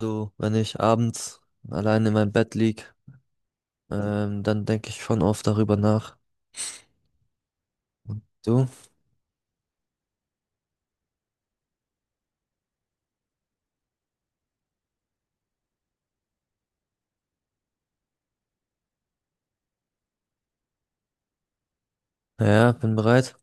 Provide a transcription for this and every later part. So, wenn ich abends allein in meinem Bett lieg, dann denke ich schon oft darüber nach. Du? Ja, bin bereit.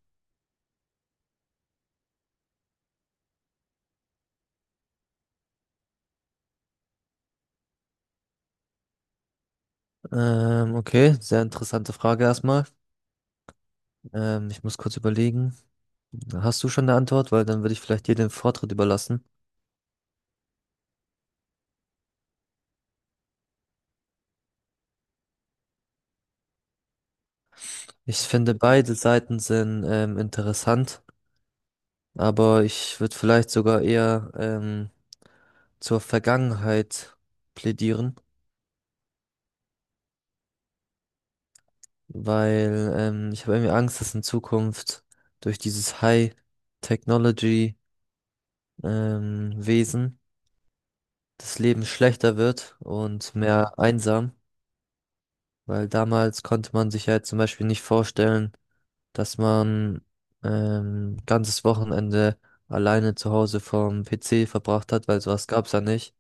Okay, sehr interessante Frage erstmal. Ich muss kurz überlegen. Hast du schon eine Antwort? Weil dann würde ich vielleicht dir den Vortritt überlassen. Ich finde, beide Seiten sind interessant, aber ich würde vielleicht sogar eher zur Vergangenheit plädieren, weil ich habe irgendwie Angst, dass in Zukunft durch dieses High Technology Wesen das Leben schlechter wird und mehr einsam, weil damals konnte man sich halt zum Beispiel nicht vorstellen, dass man ganzes Wochenende alleine zu Hause vom PC verbracht hat, weil sowas gab's ja nicht,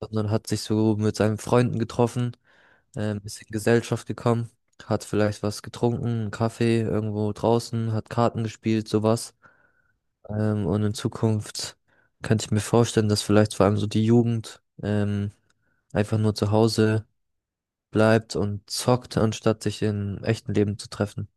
sondern hat sich so mit seinen Freunden getroffen, ist in Gesellschaft gekommen, hat vielleicht was getrunken, einen Kaffee irgendwo draußen, hat Karten gespielt, sowas. Und in Zukunft könnte ich mir vorstellen, dass vielleicht vor allem so die Jugend einfach nur zu Hause bleibt und zockt, anstatt sich im echten Leben zu treffen.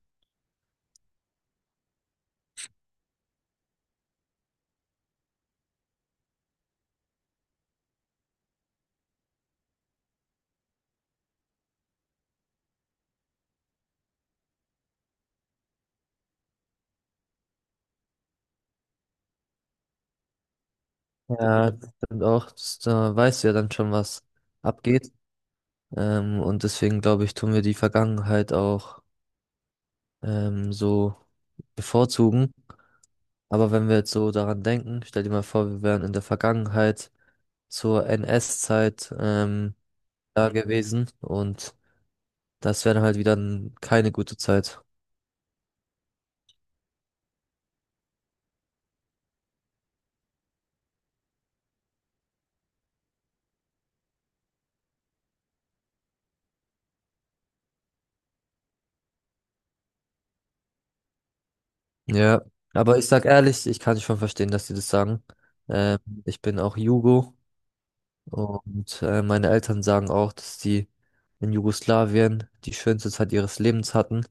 Ja, das stimmt auch. Das, da weißt du ja dann schon, was abgeht. Und deswegen glaube ich, tun wir die Vergangenheit auch so bevorzugen. Aber wenn wir jetzt so daran denken, stell dir mal vor, wir wären in der Vergangenheit zur NS-Zeit da gewesen und das wäre dann halt wieder keine gute Zeit. Ja, aber ich sag ehrlich, ich kann schon verstehen, dass die das sagen. Ähm, ich bin auch Jugo und meine Eltern sagen auch, dass die in Jugoslawien die schönste Zeit ihres Lebens hatten.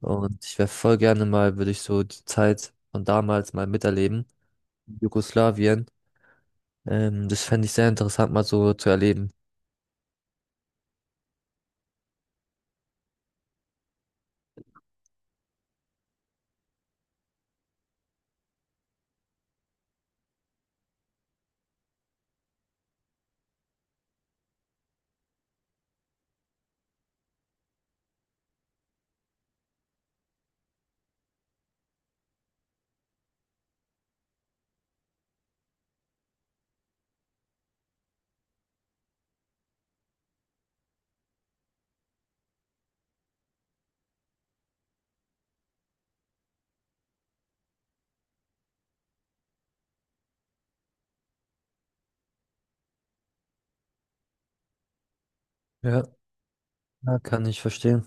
Und ich wäre voll gerne mal, würde ich so die Zeit von damals mal miterleben. In Jugoslawien. Das fände ich sehr interessant, mal so zu erleben. Ja, ja, kann ich verstehen.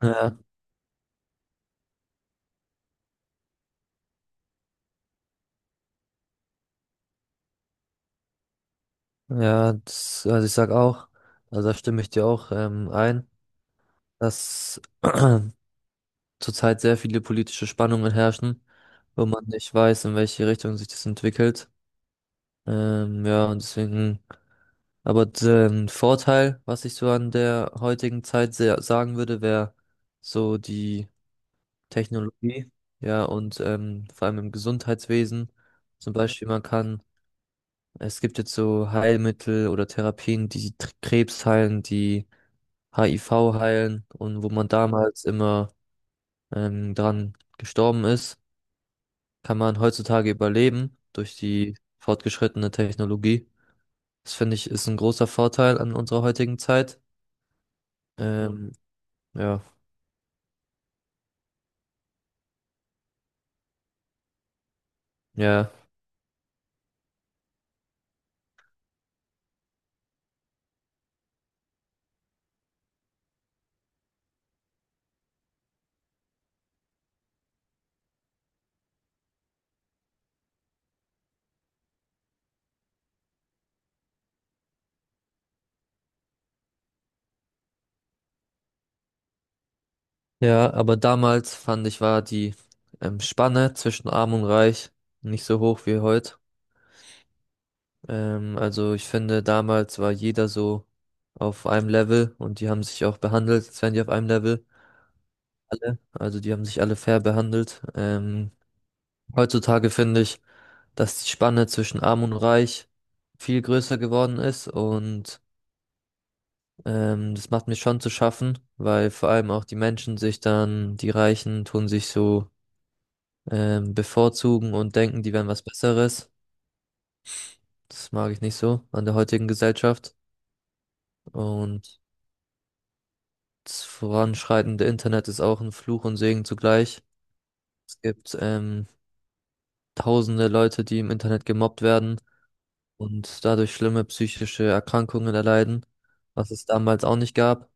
Ja, ja, das, also ich sag auch, also da stimme ich dir auch ein. Dass zurzeit sehr viele politische Spannungen herrschen, wo man nicht weiß, in welche Richtung sich das entwickelt. Ja, und deswegen, aber den Vorteil, was ich so an der heutigen Zeit sehr sagen würde, wäre so die Technologie, ja, und vor allem im Gesundheitswesen. Zum Beispiel, man kann, es gibt jetzt so Heilmittel oder Therapien, die Krebs heilen, die HIV heilen und wo man damals immer dran gestorben ist, kann man heutzutage überleben durch die fortgeschrittene Technologie. Das finde ich ist ein großer Vorteil an unserer heutigen Zeit. Ähm, ja, ja, ja, aber damals fand ich, war die Spanne zwischen Arm und Reich nicht so hoch wie heute. Also ich finde, damals war jeder so auf einem Level und die haben sich auch behandelt, als wären die auf einem Level. Alle. Also die haben sich alle fair behandelt. Heutzutage finde ich, dass die Spanne zwischen Arm und Reich viel größer geworden ist und das macht mir schon zu schaffen, weil vor allem auch die Menschen sich dann, die Reichen tun sich so bevorzugen und denken, die wären was Besseres. Das mag ich nicht so an der heutigen Gesellschaft. Und das voranschreitende Internet ist auch ein Fluch und Segen zugleich. Es gibt tausende Leute, die im Internet gemobbt werden und dadurch schlimme psychische Erkrankungen erleiden, was es damals auch nicht gab.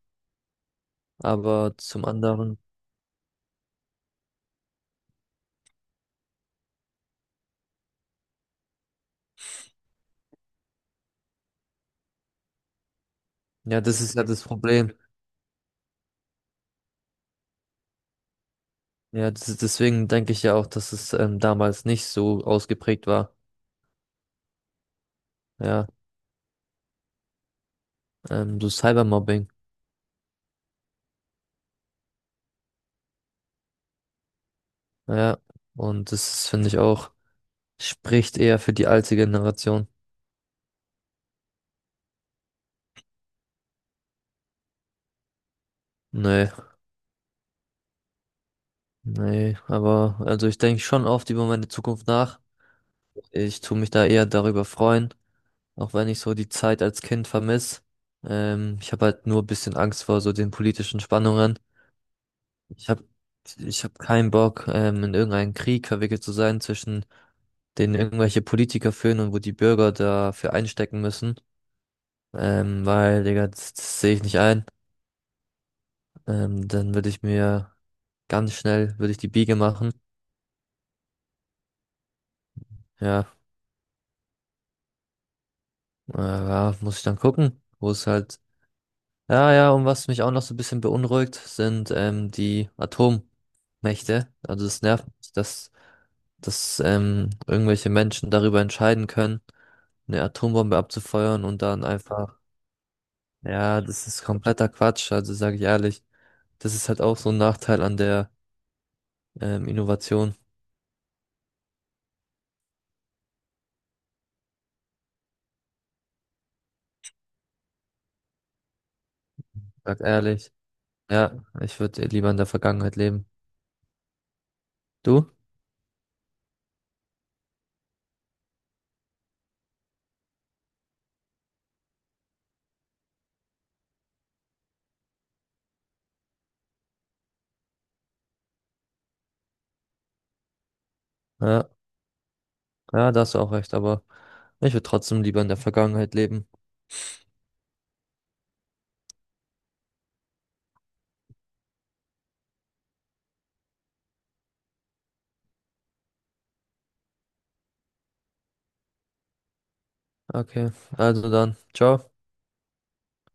Aber zum anderen, ja, das ist ja das Problem. Ja, das ist, deswegen denke ich ja auch, dass es damals nicht so ausgeprägt war. Ja, so Cybermobbing. Ja, und das finde ich auch, spricht eher für die alte Generation. Nee, nee, aber also ich denke schon oft über meine Zukunft nach. Ich tue mich da eher darüber freuen, auch wenn ich so die Zeit als Kind vermisse. Ich habe halt nur ein bisschen Angst vor so den politischen Spannungen. Ich habe Ich hab keinen Bock, in irgendeinen Krieg verwickelt zu sein, zwischen den irgendwelche Politiker führen und wo die Bürger dafür einstecken müssen. Weil, Digga, das sehe ich nicht ein. Dann würde ich mir würde ich die Biege machen. Ja, ja, muss ich dann gucken, wo es halt. Ja, ja, und was mich auch noch so ein bisschen beunruhigt, sind die Atommächte. Also es nervt mich, dass irgendwelche Menschen darüber entscheiden können, eine Atombombe abzufeuern und dann einfach, ja, das ist kompletter Quatsch, also sage ich ehrlich. Das ist halt auch so ein Nachteil an der Innovation, sag ehrlich. Ja, ich würde lieber in der Vergangenheit leben. Du? Ja, ja, da hast du auch recht, aber ich würde trotzdem lieber in der Vergangenheit leben. Okay, also dann, ciao.